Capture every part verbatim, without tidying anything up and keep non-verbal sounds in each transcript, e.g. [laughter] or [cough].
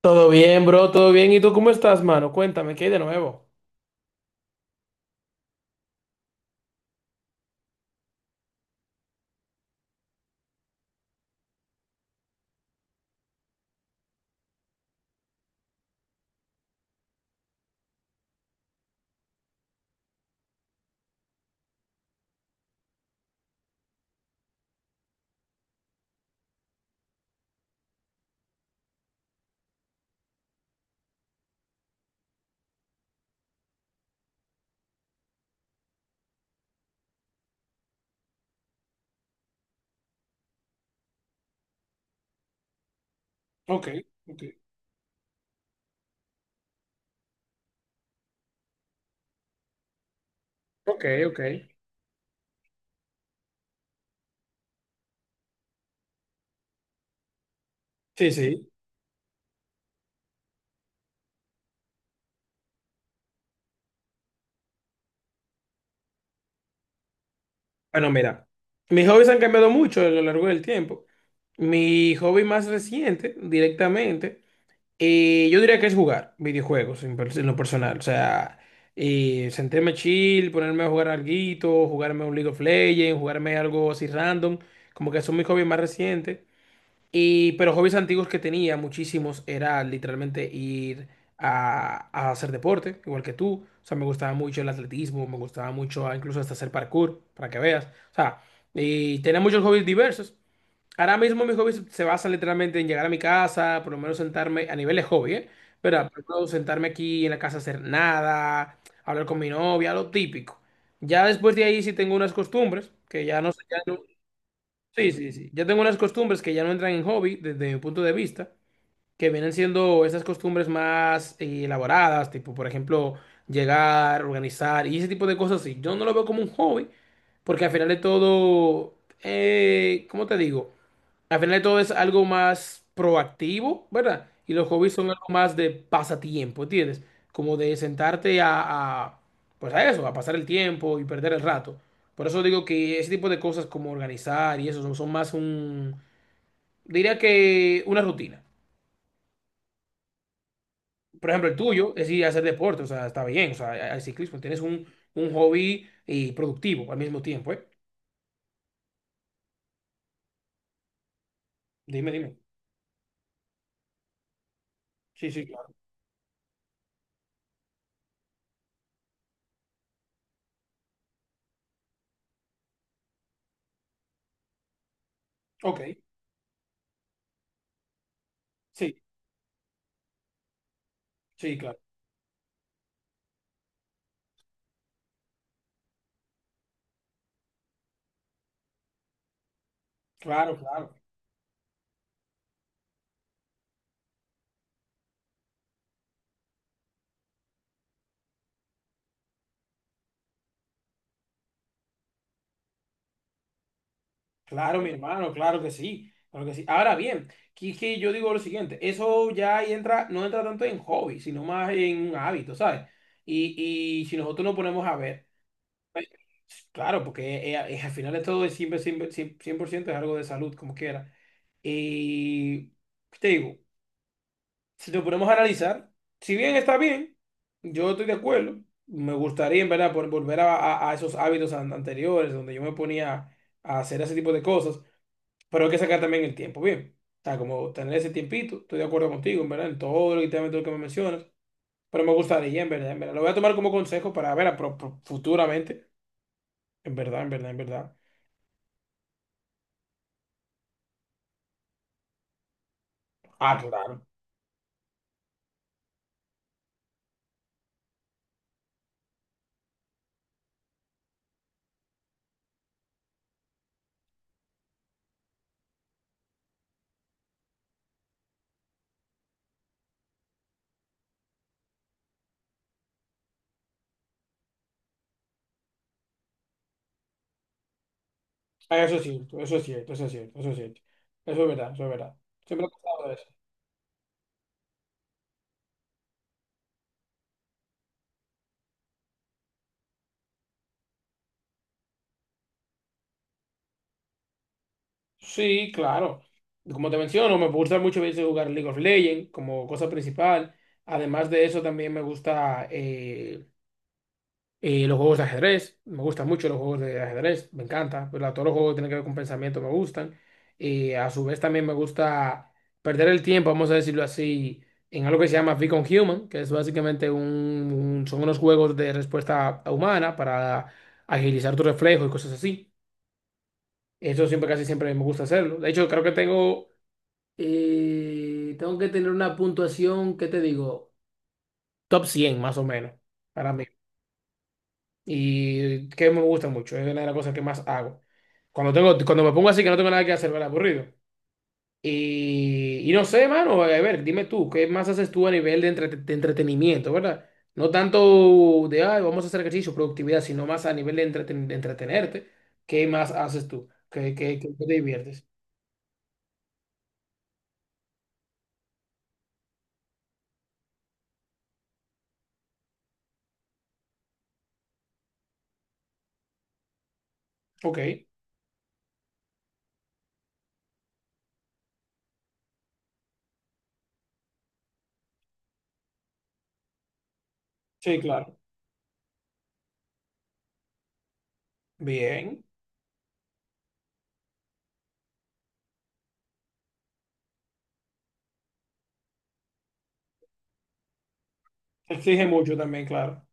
Todo bien, bro, todo bien. ¿Y tú cómo estás, mano? Cuéntame, ¿qué hay de nuevo? Ok, ok, ok, ok. Sí, sí. Bueno, mira, mis hobbies han cambiado mucho a lo largo del tiempo. Mi hobby más reciente, directamente, eh, yo diría que es jugar videojuegos en, per- en lo personal. O sea, eh, sentarme chill, ponerme a jugar alguito, jugarme un League of Legends, jugarme algo así random. Como que son mis hobbies más recientes. Y, pero hobbies antiguos que tenía, muchísimos, era literalmente ir a, a hacer deporte, igual que tú. O sea, me gustaba mucho el atletismo, me gustaba mucho ah, incluso hasta hacer parkour, para que veas. O sea, y tenía muchos hobbies diversos. Ahora mismo mis hobbies se basan literalmente en llegar a mi casa, por lo menos sentarme, a nivel de hobby, ¿eh? Pero por ejemplo, sentarme aquí en la casa a hacer nada, hablar con mi novia, lo típico. Ya después de ahí sí tengo unas costumbres, que ya no sé, ya no- Sí, sí, sí. Yo tengo unas costumbres que ya no entran en hobby desde mi punto de vista, que vienen siendo esas costumbres más eh, elaboradas, tipo, por ejemplo, llegar, organizar y ese tipo de cosas así. Yo no lo veo como un hobby, porque al final de todo, eh, ¿cómo te digo? Al final de todo es algo más proactivo, ¿verdad? Y los hobbies son algo más de pasatiempo, ¿entiendes? Como de sentarte a, a, pues a eso, a pasar el tiempo y perder el rato. Por eso digo que ese tipo de cosas como organizar y eso son, son más un, diría que una rutina. Por ejemplo, el tuyo es ir a hacer deporte, o sea, está bien, o sea, hay hay ciclismo, tienes un, un hobby y productivo al mismo tiempo, ¿eh? Dime, dime. Sí, sí, claro. Ok, sí, sí, claro. Claro, claro. Claro, mi hermano, claro que sí, claro que sí. Ahora bien, que es que yo digo lo siguiente, eso ya ahí entra, no entra tanto en hobby, sino más en un hábito, ¿sabes? Y, y si nosotros nos ponemos a ver, eh, claro, porque eh, eh, al final esto es siempre, siempre, cien por ciento es algo de salud, como quiera. Y te digo, si nos ponemos a analizar, si bien está bien, yo estoy de acuerdo, me gustaría en verdad por- volver a, a- a esos hábitos an- anteriores donde yo me ponía a hacer ese tipo de cosas. Pero hay que sacar también el tiempo, bien. O sea, como tener ese tiempito, estoy de acuerdo contigo, en verdad, en todo lo que te- todo lo que me mencionas. Pero me gustaría, en verdad, en verdad. Lo voy a tomar como consejo para ver a pro- pro- futuramente. En verdad, en verdad, en verdad. Ah, claro. Ah, eso es cierto, eso es cierto, eso es cierto, eso es cierto. Eso es verdad, eso es verdad. Siempre he pensado eso. Sí, claro. Como te menciono, me gusta mucho a veces jugar League of Legends como cosa principal. Además de eso, también me gusta eh, eh, los juegos de ajedrez, me gustan mucho los juegos de ajedrez, me encanta. Pero todos los juegos que tienen que ver con pensamiento me gustan. Eh, a su vez también me gusta perder el tiempo, vamos a decirlo así, en algo que se llama Beacon Human, que es básicamente un, un- son unos juegos de respuesta humana para agilizar tu reflejo y cosas así. Eso siempre, casi siempre me gusta hacerlo. De hecho, creo que tengo, eh, tengo que tener una puntuación, ¿qué te digo? Top cien más o menos para mí. Y que me gusta mucho, es una de las cosas que más hago. Cuando tengo, cuando me pongo así que no tengo nada que hacer, ¿verdad? Aburrido. Y, y no sé, mano, a ver, dime tú, ¿qué más haces tú a nivel de, entre- de entretenimiento, ¿verdad? No tanto de, ay, vamos a hacer ejercicio, productividad, sino más a nivel de, entreten- de entretenerte. ¿Qué más haces tú? ¿Qué, qué, qué te diviertes? Ok, sí, claro. Bien. Exige mucho también, claro.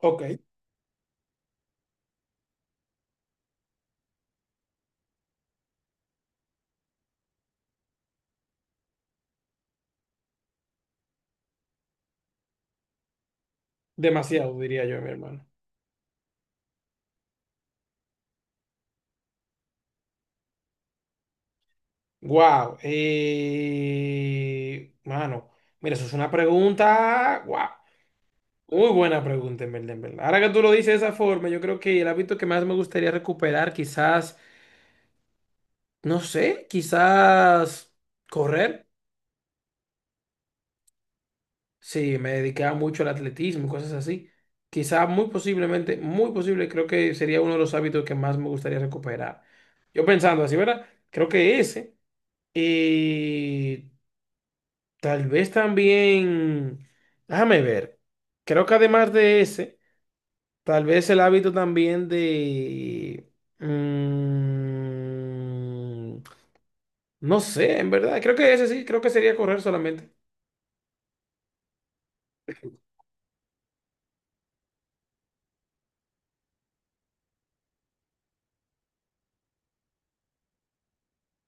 Ok, demasiado, diría yo, mi hermano. Wow, eh, mano, mira, eso es una pregunta, wow, muy buena pregunta en verdad, en verdad. Ahora que tú lo dices de esa forma, yo creo que el hábito que más me gustaría recuperar, quizás, no sé, quizás correr. Sí, me dedicaba mucho al atletismo y cosas así. Quizás muy posiblemente, muy posible, creo que sería uno de los hábitos que más me gustaría recuperar. Yo pensando así, ¿verdad? Creo que ese. Y tal vez también, déjame ver, creo que además de ese, tal vez el hábito también de... mm, no sé, en verdad, creo que ese sí, creo que sería correr solamente.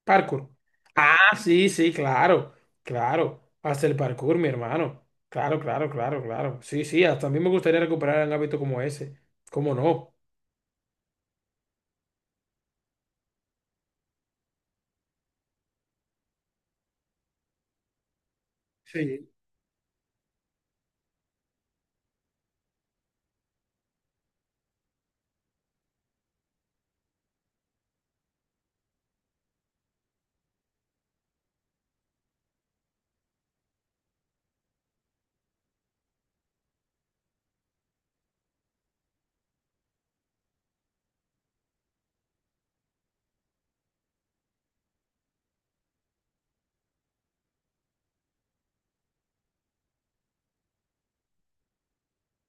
Parkour. Ah, sí, sí, claro, claro. Hasta el parkour, mi hermano. Claro, claro, claro, claro. Sí, sí, hasta a mí me gustaría recuperar un hábito como ese. ¿Cómo no? Sí.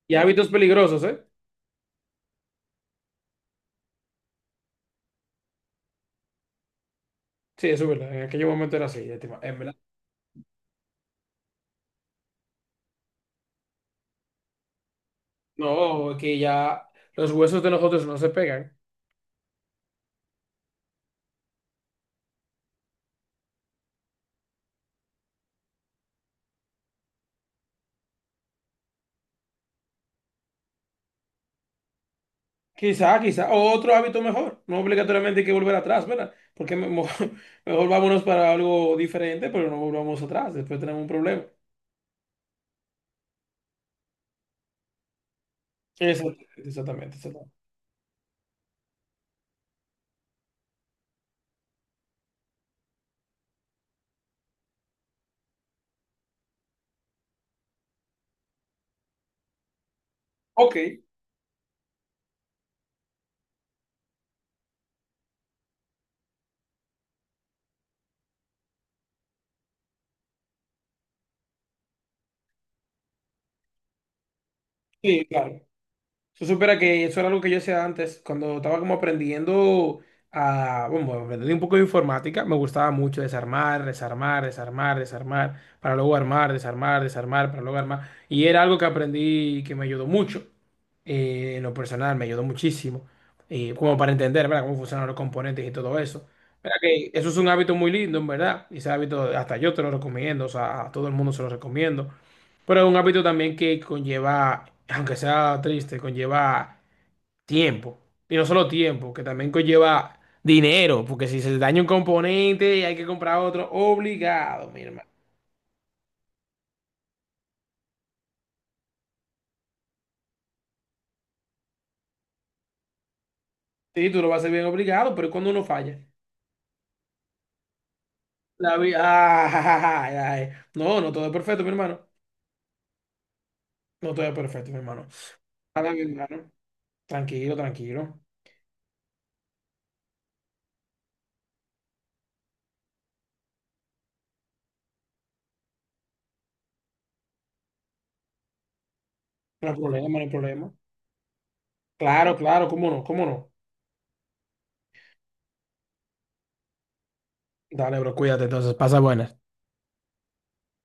Y hábitos peligrosos, ¿eh? Sí, eso es verdad. En aquel momento era así, ya te ima- en verdad. No, es que ya los huesos de nosotros no se pegan. Quizá, quizá. O otro hábito mejor. No obligatoriamente hay que volver atrás, ¿verdad? Porque me- mo- [laughs] mejor vámonos para algo diferente, pero no volvamos atrás. Después tenemos un problema. Exactamente, exactamente, exactamente. Ok, sí, claro. Tú supieras que eso era algo que yo hacía antes, cuando estaba como aprendiendo a, bueno, aprendí un poco de informática, me gustaba mucho desarmar, desarmar, desarmar, desarmar, para luego armar, desarmar, desarmar, para luego armar. Y era algo que aprendí que me ayudó mucho, eh, en lo personal, me ayudó muchísimo, y como para entender, ¿verdad?, cómo funcionan los componentes y todo eso. Mira que eso es un hábito muy lindo, en verdad, y ese hábito hasta yo te lo recomiendo, o sea, a todo el mundo se lo recomiendo. Pero es un hábito también que conlleva, aunque sea triste, conlleva tiempo. Y no solo tiempo, que también conlleva dinero, porque si se daña un componente hay que comprar otro, obligado, mi hermano. Sí, tú lo vas a hacer bien obligado, pero ¿y cuando uno falla, la vida... No, no todo es perfecto, mi hermano. No todo es perfecto, mi hermano. Nada, mi hermano. Tranquilo, tranquilo. No hay problema, no hay problema. Claro, claro, cómo no, cómo no. Dale, bro, cuídate entonces, pasa buenas.